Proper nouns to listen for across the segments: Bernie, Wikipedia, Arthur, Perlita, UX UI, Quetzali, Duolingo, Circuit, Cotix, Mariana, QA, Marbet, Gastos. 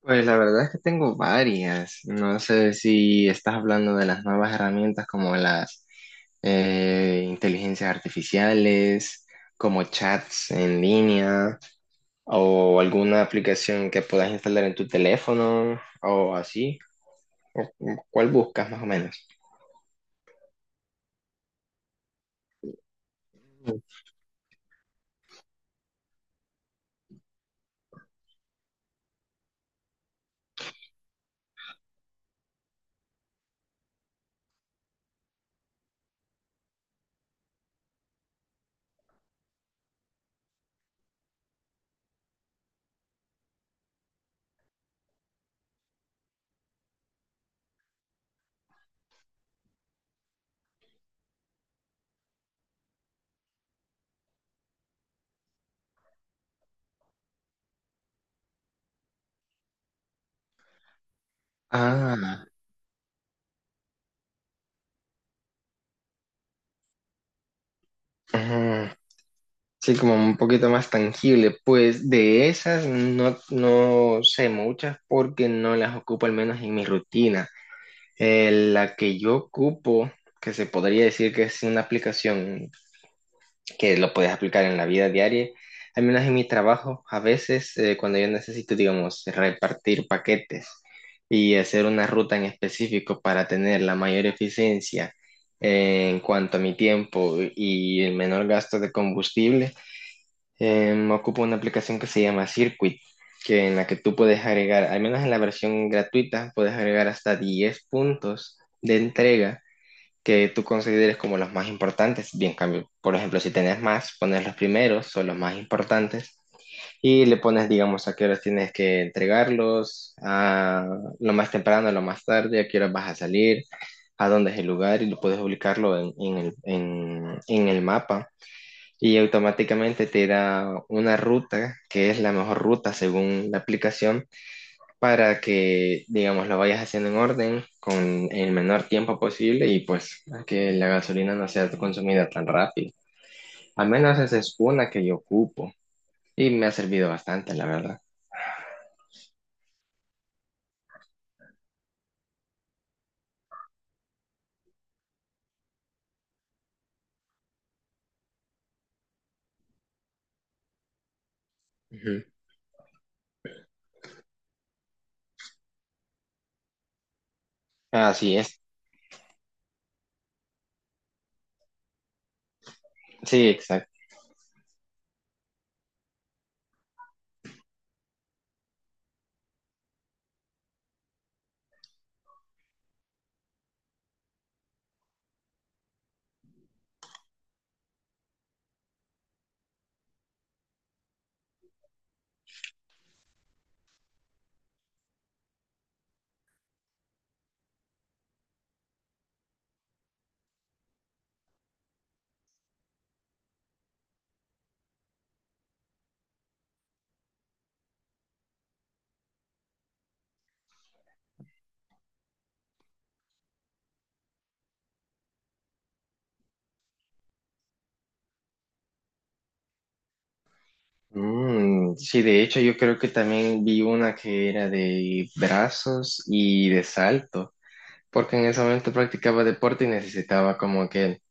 Pues la verdad es que tengo varias. No sé si estás hablando de las nuevas herramientas como las inteligencias artificiales, como chats en línea, o alguna aplicación que puedas instalar en tu teléfono, o así. ¿Cuál buscas más o menos? Ah, ajá. Sí, como un poquito más tangible. Pues de esas no sé muchas porque no las ocupo al menos en mi rutina. La que yo ocupo, que se podría decir que es una aplicación que lo puedes aplicar en la vida diaria, al menos en mi trabajo, a veces cuando yo necesito, digamos, repartir paquetes y hacer una ruta en específico para tener la mayor eficiencia en cuanto a mi tiempo y el menor gasto de combustible. Ocupo una aplicación que se llama Circuit, que en la que tú puedes agregar, al menos en la versión gratuita, puedes agregar hasta 10 puntos de entrega que tú consideres como los más importantes. Bien, cambio, por ejemplo, si tenés más, pones los primeros o los más importantes y le pones, digamos, a qué horas tienes que entregarlos, a lo más temprano, a lo más tarde, a qué horas vas a salir, a dónde es el lugar y lo puedes ubicarlo en el mapa, y automáticamente te da una ruta que es la mejor ruta según la aplicación para que, digamos, lo vayas haciendo en orden con el menor tiempo posible y pues que la gasolina no sea consumida tan rápido. Al menos esa es una que yo ocupo y me ha servido bastante, la verdad. Ujú. Así es, sí, exacto. Mm, sí, de hecho yo creo que también vi una que era de brazos y de salto, porque en ese momento practicaba deporte y necesitaba como que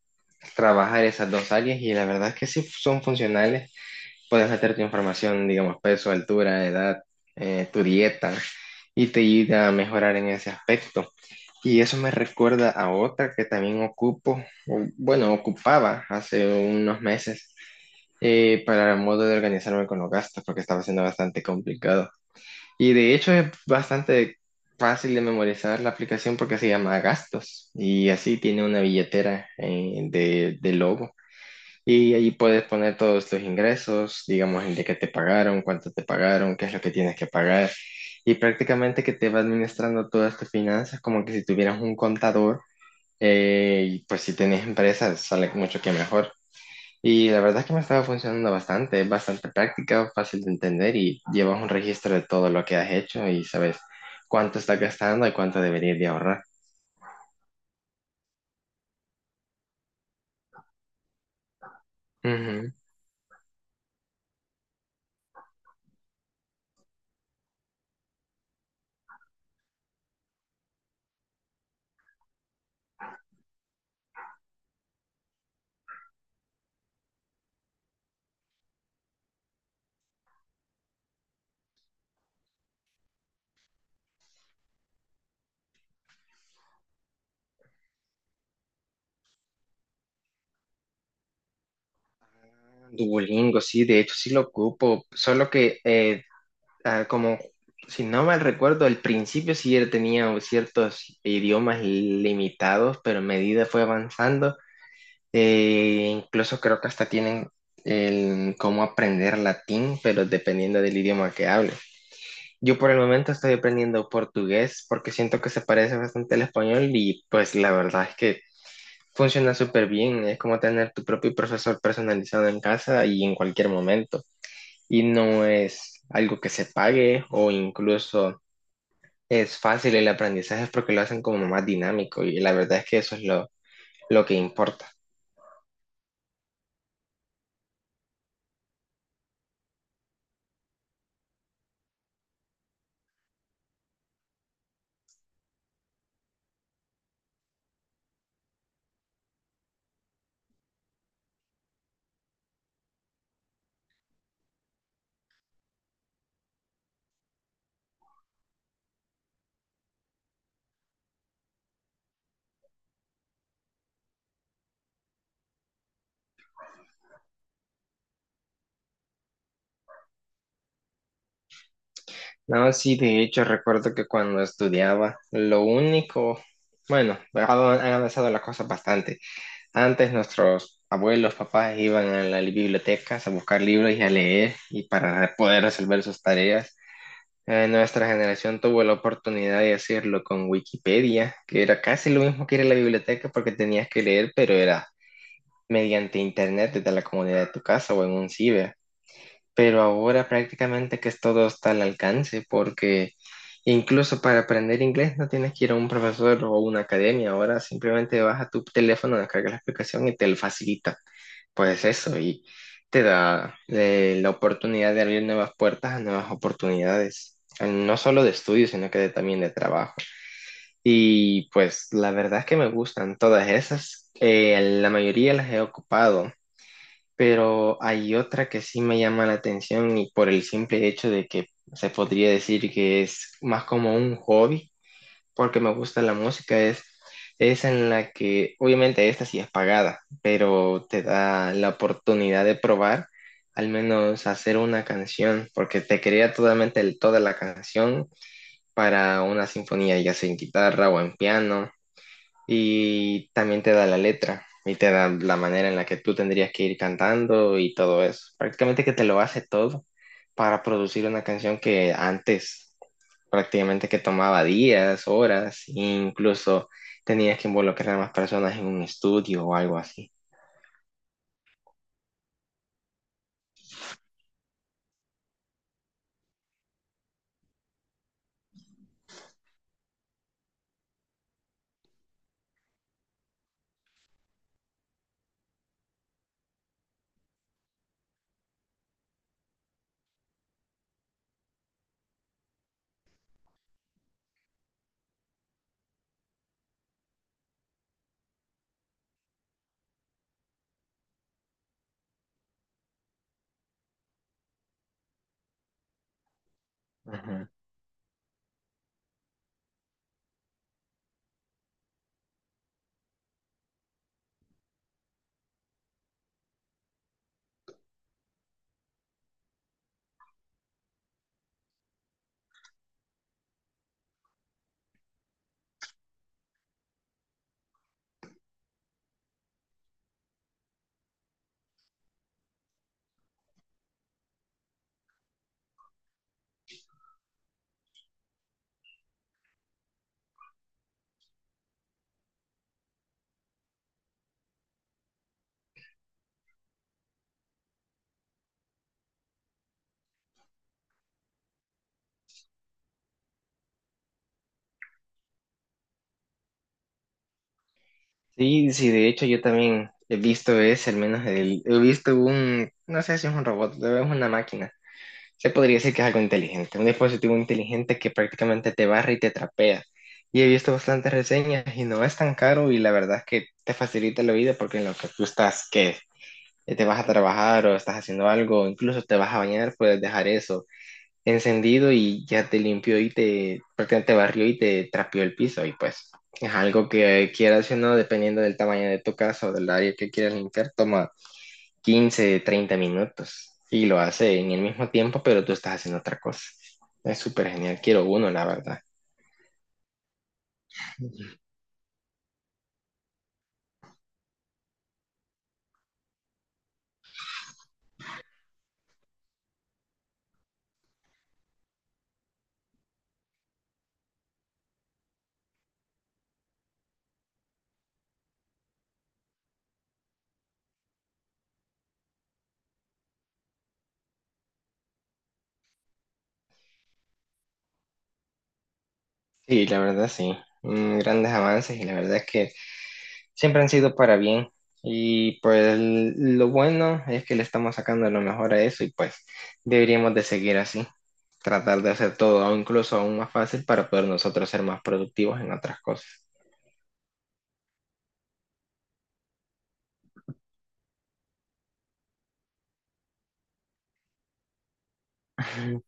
trabajar esas dos áreas, y la verdad es que sí son funcionales. Puedes meter tu información, digamos, peso, altura, edad, tu dieta, y te ayuda a mejorar en ese aspecto. Y eso me recuerda a otra que también ocupo, o, bueno, ocupaba hace unos meses, para el modo de organizarme con los gastos porque estaba siendo bastante complicado. Y de hecho es bastante fácil de memorizar la aplicación porque se llama Gastos, y así tiene una billetera de logo, y allí puedes poner todos tus ingresos, digamos, el de que te pagaron, cuánto te pagaron, qué es lo que tienes que pagar. Y prácticamente que te va administrando todas tus finanzas como que si tuvieras un contador. Y pues si tenés empresas, sale mucho que mejor. Y la verdad es que me estaba funcionando bastante, es bastante práctica, fácil de entender, y llevas un registro de todo lo que has hecho y sabes cuánto estás gastando y cuánto deberías de ahorrar. Ujú. Duolingo, sí, de hecho sí lo ocupo, solo que ah, como, si no mal recuerdo, al principio sí él tenía ciertos idiomas limitados, pero a medida fue avanzando. Incluso creo que hasta tienen el cómo aprender latín, pero dependiendo del idioma que hable. Yo por el momento estoy aprendiendo portugués porque siento que se parece bastante al español, y pues la verdad es que funciona súper bien. Es como tener tu propio profesor personalizado en casa y en cualquier momento. Y no es algo que se pague, o incluso es fácil el aprendizaje porque lo hacen como más dinámico, y la verdad es que eso es lo que importa. No, sí, de hecho recuerdo que cuando estudiaba, lo único, bueno, han avanzado las cosas bastante. Antes nuestros abuelos, papás iban a las bibliotecas a buscar libros y a leer y para poder resolver sus tareas. Nuestra generación tuvo la oportunidad de hacerlo con Wikipedia, que era casi lo mismo que ir a la biblioteca porque tenías que leer, pero era mediante internet desde la comodidad de tu casa o en un ciber. Pero ahora prácticamente que es todo está al alcance, porque incluso para aprender inglés no tienes que ir a un profesor o una academia. Ahora simplemente vas a tu teléfono, descargas la aplicación y te lo facilita. Pues eso, y te da la oportunidad de abrir nuevas puertas a nuevas oportunidades, no solo de estudio, sino que también de trabajo. Y pues la verdad es que me gustan todas esas. La mayoría las he ocupado, pero hay otra que sí me llama la atención, y por el simple hecho de que se podría decir que es más como un hobby, porque me gusta la música, es en la que obviamente esta sí es pagada, pero te da la oportunidad de probar al menos hacer una canción, porque te crea totalmente toda la canción para una sinfonía, ya sea en guitarra o en piano, y también te da la letra y te da la manera en la que tú tendrías que ir cantando y todo eso. Prácticamente que te lo hace todo para producir una canción que antes prácticamente que tomaba días, horas, e incluso tenías que involucrar a más personas en un estudio o algo así. Ujú. Sí, sí, de hecho yo también he visto ese, al menos el, he visto un, no sé si es un robot, es una máquina. Se podría decir que es algo inteligente, un dispositivo inteligente que prácticamente te barra y te trapea. Y he visto bastantes reseñas y no es tan caro, y la verdad es que te facilita la vida porque en lo que tú estás, que te vas a trabajar o estás haciendo algo, incluso te vas a bañar, puedes dejar eso encendido y ya te limpió y te prácticamente te barrió y te trapeó el piso, y pues es algo que quieras o no, dependiendo del tamaño de tu casa o del área que quieras limpiar, toma 15, 30 minutos y lo hace en el mismo tiempo, pero tú estás haciendo otra cosa. Es súper genial, quiero uno, la verdad. Sí, la verdad sí. Mm, grandes avances, y la verdad es que siempre han sido para bien. Y pues lo bueno es que le estamos sacando lo mejor a eso, y pues deberíamos de seguir así, tratar de hacer todo incluso aún más fácil para poder nosotros ser más productivos en otras cosas. Ujú.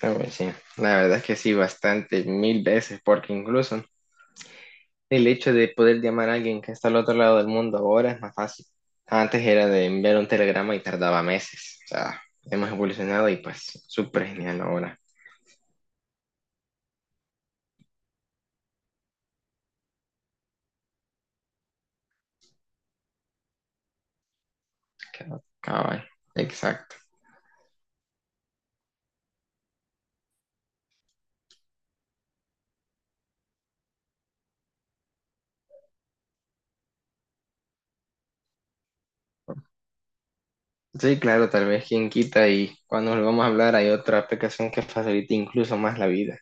Pero, pues, sí, la verdad es que sí, bastante, mil veces, porque incluso el hecho de poder llamar a alguien que está al otro lado del mundo ahora es más fácil. Antes era de enviar un telegrama y tardaba meses. O sea, hemos evolucionado y pues súper genial ahora. Cabal. Exacto. Sí, claro, tal vez quien quita y cuando volvamos a hablar hay otra aplicación que facilite incluso más la vida.